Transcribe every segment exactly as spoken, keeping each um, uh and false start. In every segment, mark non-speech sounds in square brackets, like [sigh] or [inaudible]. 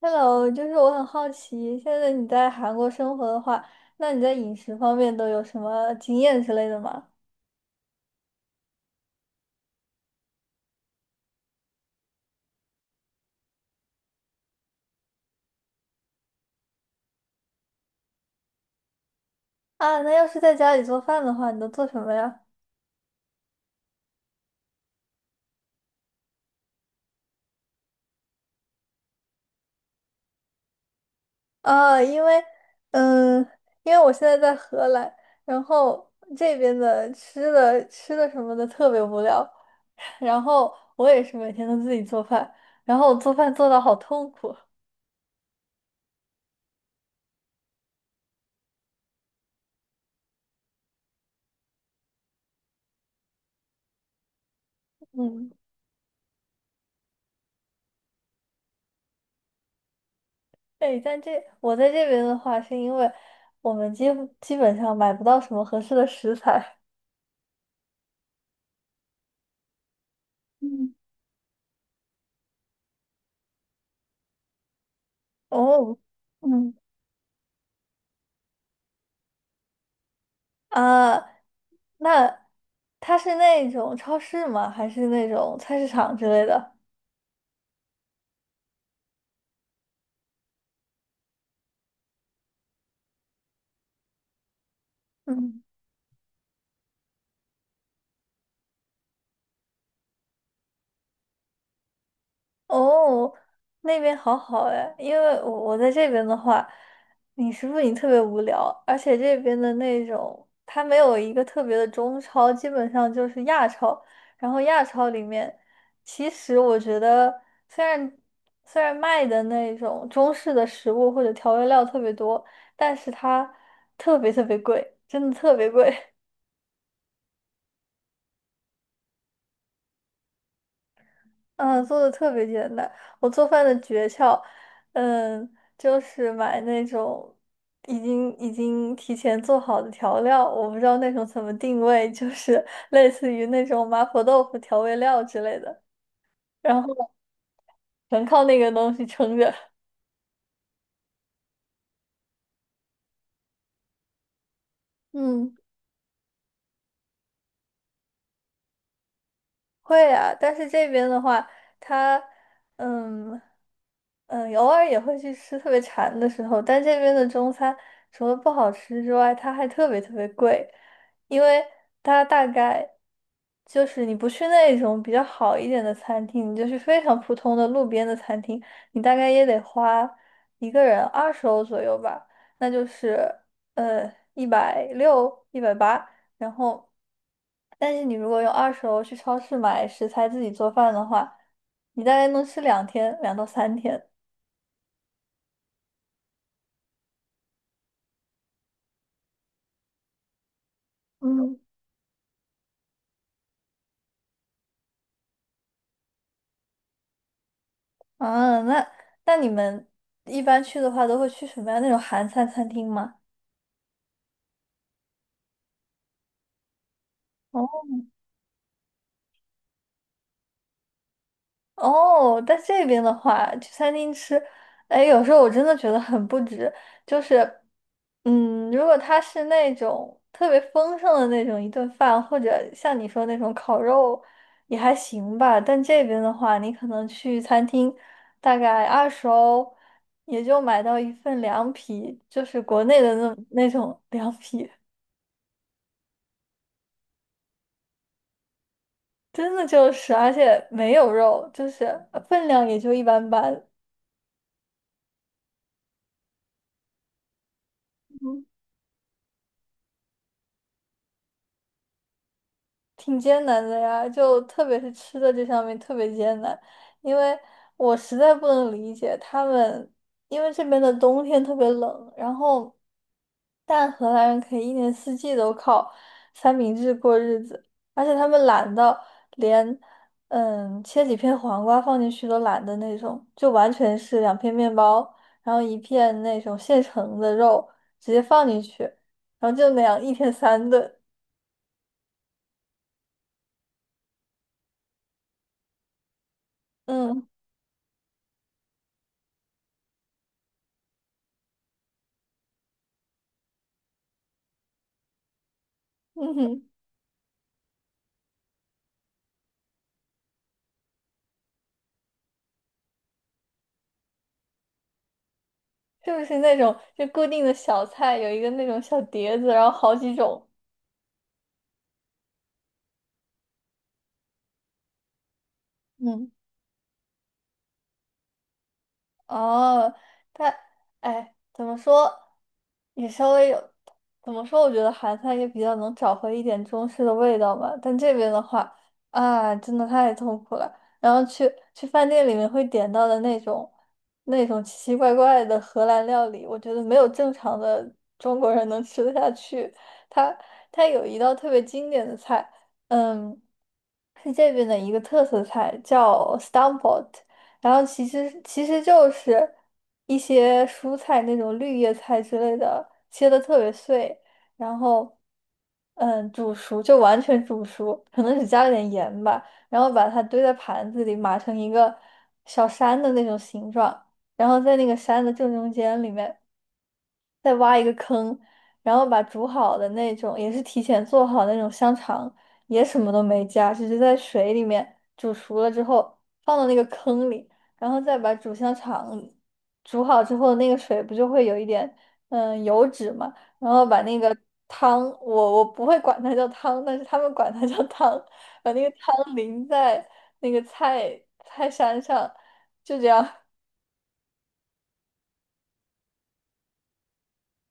Hello，就是我很好奇，现在你在韩国生活的话，那你在饮食方面都有什么经验之类的吗？啊，那要是在家里做饭的话，你都做什么呀？啊，因为，嗯，因为我现在在荷兰，然后这边的吃的吃的什么的特别无聊，然后我也是每天都自己做饭，然后我做饭做到好痛苦，嗯。对，但这我在这边的话，是因为我们基基本上买不到什么合适的食材，嗯哦，嗯，啊，那它是那种超市吗？还是那种菜市场之类的？嗯。哦，那边好好哎，因为我我在这边的话，你食不你特别无聊，而且这边的那种它没有一个特别的中超，基本上就是亚超。然后亚超里面，其实我觉得虽然虽然卖的那种中式的食物或者调味料特别多，但是它特别特别贵，真的特别贵。嗯，做的特别简单。我做饭的诀窍，嗯，就是买那种已经已经提前做好的调料，我不知道那种怎么定位，就是 [laughs] 类似于那种麻婆豆腐调味料之类的，然后全靠那个东西撑着。[laughs] 嗯。会啊，但是这边的话，它，嗯嗯，偶尔也会去吃特别馋的时候，但这边的中餐除了不好吃之外，它还特别特别贵，因为它大概就是你不去那种比较好一点的餐厅，你就去非常普通的路边的餐厅，你大概也得花一个人二十欧左右吧，那就是呃一百六、一百八然后，但是你如果用二手楼去超市买食材自己做饭的话，你大概能吃两天，两到三天。嗯，啊，那那你们一般去的话，都会去什么样那种韩餐餐厅吗？哦。哦，在这边的话，去餐厅吃，哎，有时候我真的觉得很不值。就是，嗯，如果它是那种特别丰盛的那种一顿饭，或者像你说那种烤肉，也还行吧。但这边的话，你可能去餐厅，大概二十欧，也就买到一份凉皮，就是国内的那那种凉皮，真的就是，而且没有肉，就是呃分量也就一般般。挺艰难的呀，就特别是吃的这上面特别艰难，因为我实在不能理解他们，因为这边的冬天特别冷，然后但荷兰人可以一年四季都靠三明治过日子，而且他们懒到连嗯切几片黄瓜放进去都懒得那种，就完全是两片面包，然后一片那种现成的肉直接放进去，然后就那样一天三顿，嗯嗯 [laughs] 就是那种就固定的小菜，有一个那种小碟子，然后好几种。嗯，哦，但哎，怎么说，也稍微有，怎么说？我觉得韩餐也比较能找回一点中式的味道吧。但这边的话，啊，真的太痛苦了。然后去去饭店里面会点到的那种那种奇奇怪怪的荷兰料理，我觉得没有正常的中国人能吃得下去。它它有一道特别经典的菜，嗯，是这边的一个特色菜，叫 stamppot。然后其实其实就是一些蔬菜那种绿叶菜之类的，切的特别碎，然后嗯煮熟就完全煮熟，可能只加了点盐吧，然后把它堆在盘子里码成一个小山的那种形状，然后在那个山的正中间里面，再挖一个坑，然后把煮好的那种，也是提前做好的那种香肠，也什么都没加，只是在水里面煮熟了之后放到那个坑里，然后再把煮香肠煮好之后，那个水不就会有一点嗯油脂嘛，然后把那个汤，我我不会管它叫汤，但是他们管它叫汤，把那个汤淋在那个菜菜山上，就这样。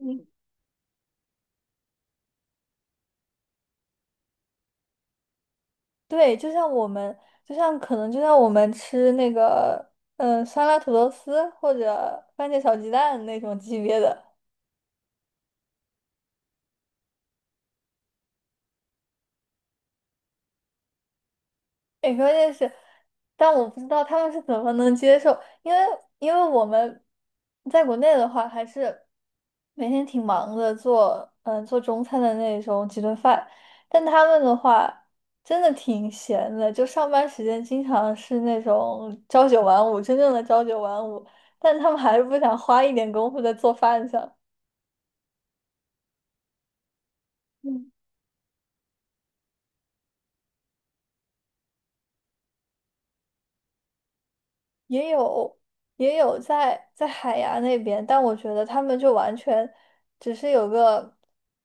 [laughs] 对，就像我们，就像可能就像我们吃那个，嗯、酸辣土豆丝或者番茄炒鸡蛋那种级别的。哎，关键是，但我不知道他们是怎么能接受，因为因为我们在国内的话，还是每天挺忙的做，嗯做中餐的那种几顿饭，但他们的话真的挺闲的，就上班时间经常是那种朝九晚五，真正的朝九晚五，但他们还是不想花一点功夫在做饭上。也有也有在在海牙那边，但我觉得他们就完全只是有个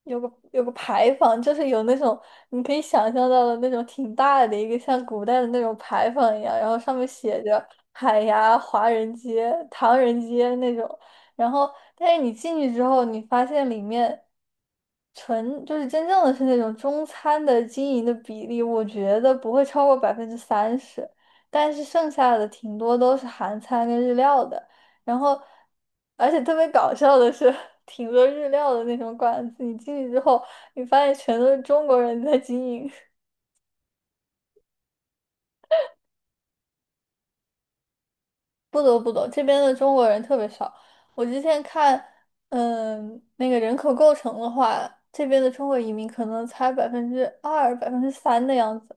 有个有个牌坊，就是有那种你可以想象到的那种挺大的一个像古代的那种牌坊一样，然后上面写着海牙华人街、唐人街那种，然后但是你进去之后，你发现里面，纯就是真正的是那种中餐的经营的比例，我觉得不会超过百分之三十。但是剩下的挺多都是韩餐跟日料的，然后，而且特别搞笑的是，[laughs] 挺多日料的那种馆子，你进去之后，你发现全都是中国人在经营，[laughs] 不得不懂，这边的中国人特别少。我之前看，嗯，那个人口构成的话，这边的中国移民可能才百分之二、百分之三的样子。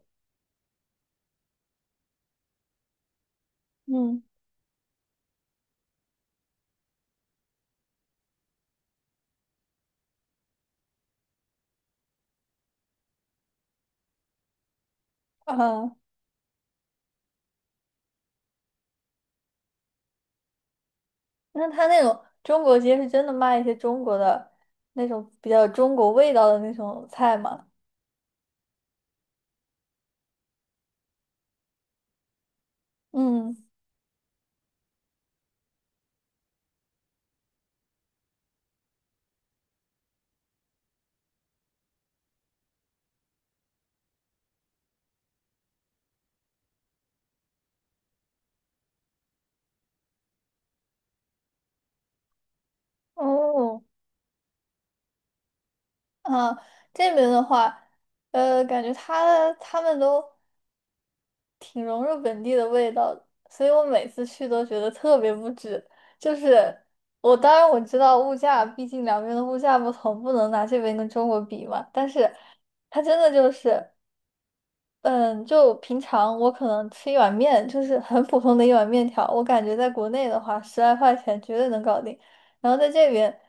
嗯，啊，那他那种中国街是真的卖一些中国的那种比较有中国味道的那种菜吗？嗯，哦，啊，这边的话，呃，感觉他他们都挺融入本地的味道的，所以我每次去都觉得特别不值。就是我当然我知道物价，毕竟两边的物价不同，不能拿这边跟中国比嘛。但是它真的就是。嗯，就平常我可能吃一碗面，就是很普通的一碗面条，我感觉在国内的话，十来块钱绝对能搞定。然后在这边，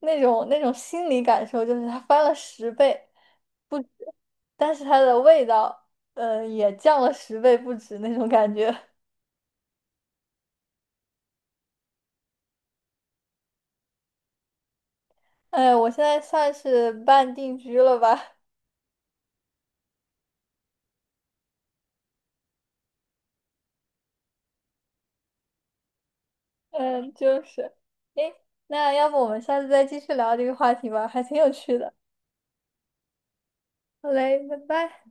那种那种心理感受就是它翻了十倍不止，但是它的味道，呃，也降了十倍不止那种感觉。[laughs] 哎，我现在算是半定居了吧？嗯，就是。诶，那要不我们下次再继续聊这个话题吧，还挺有趣的。好嘞，拜拜。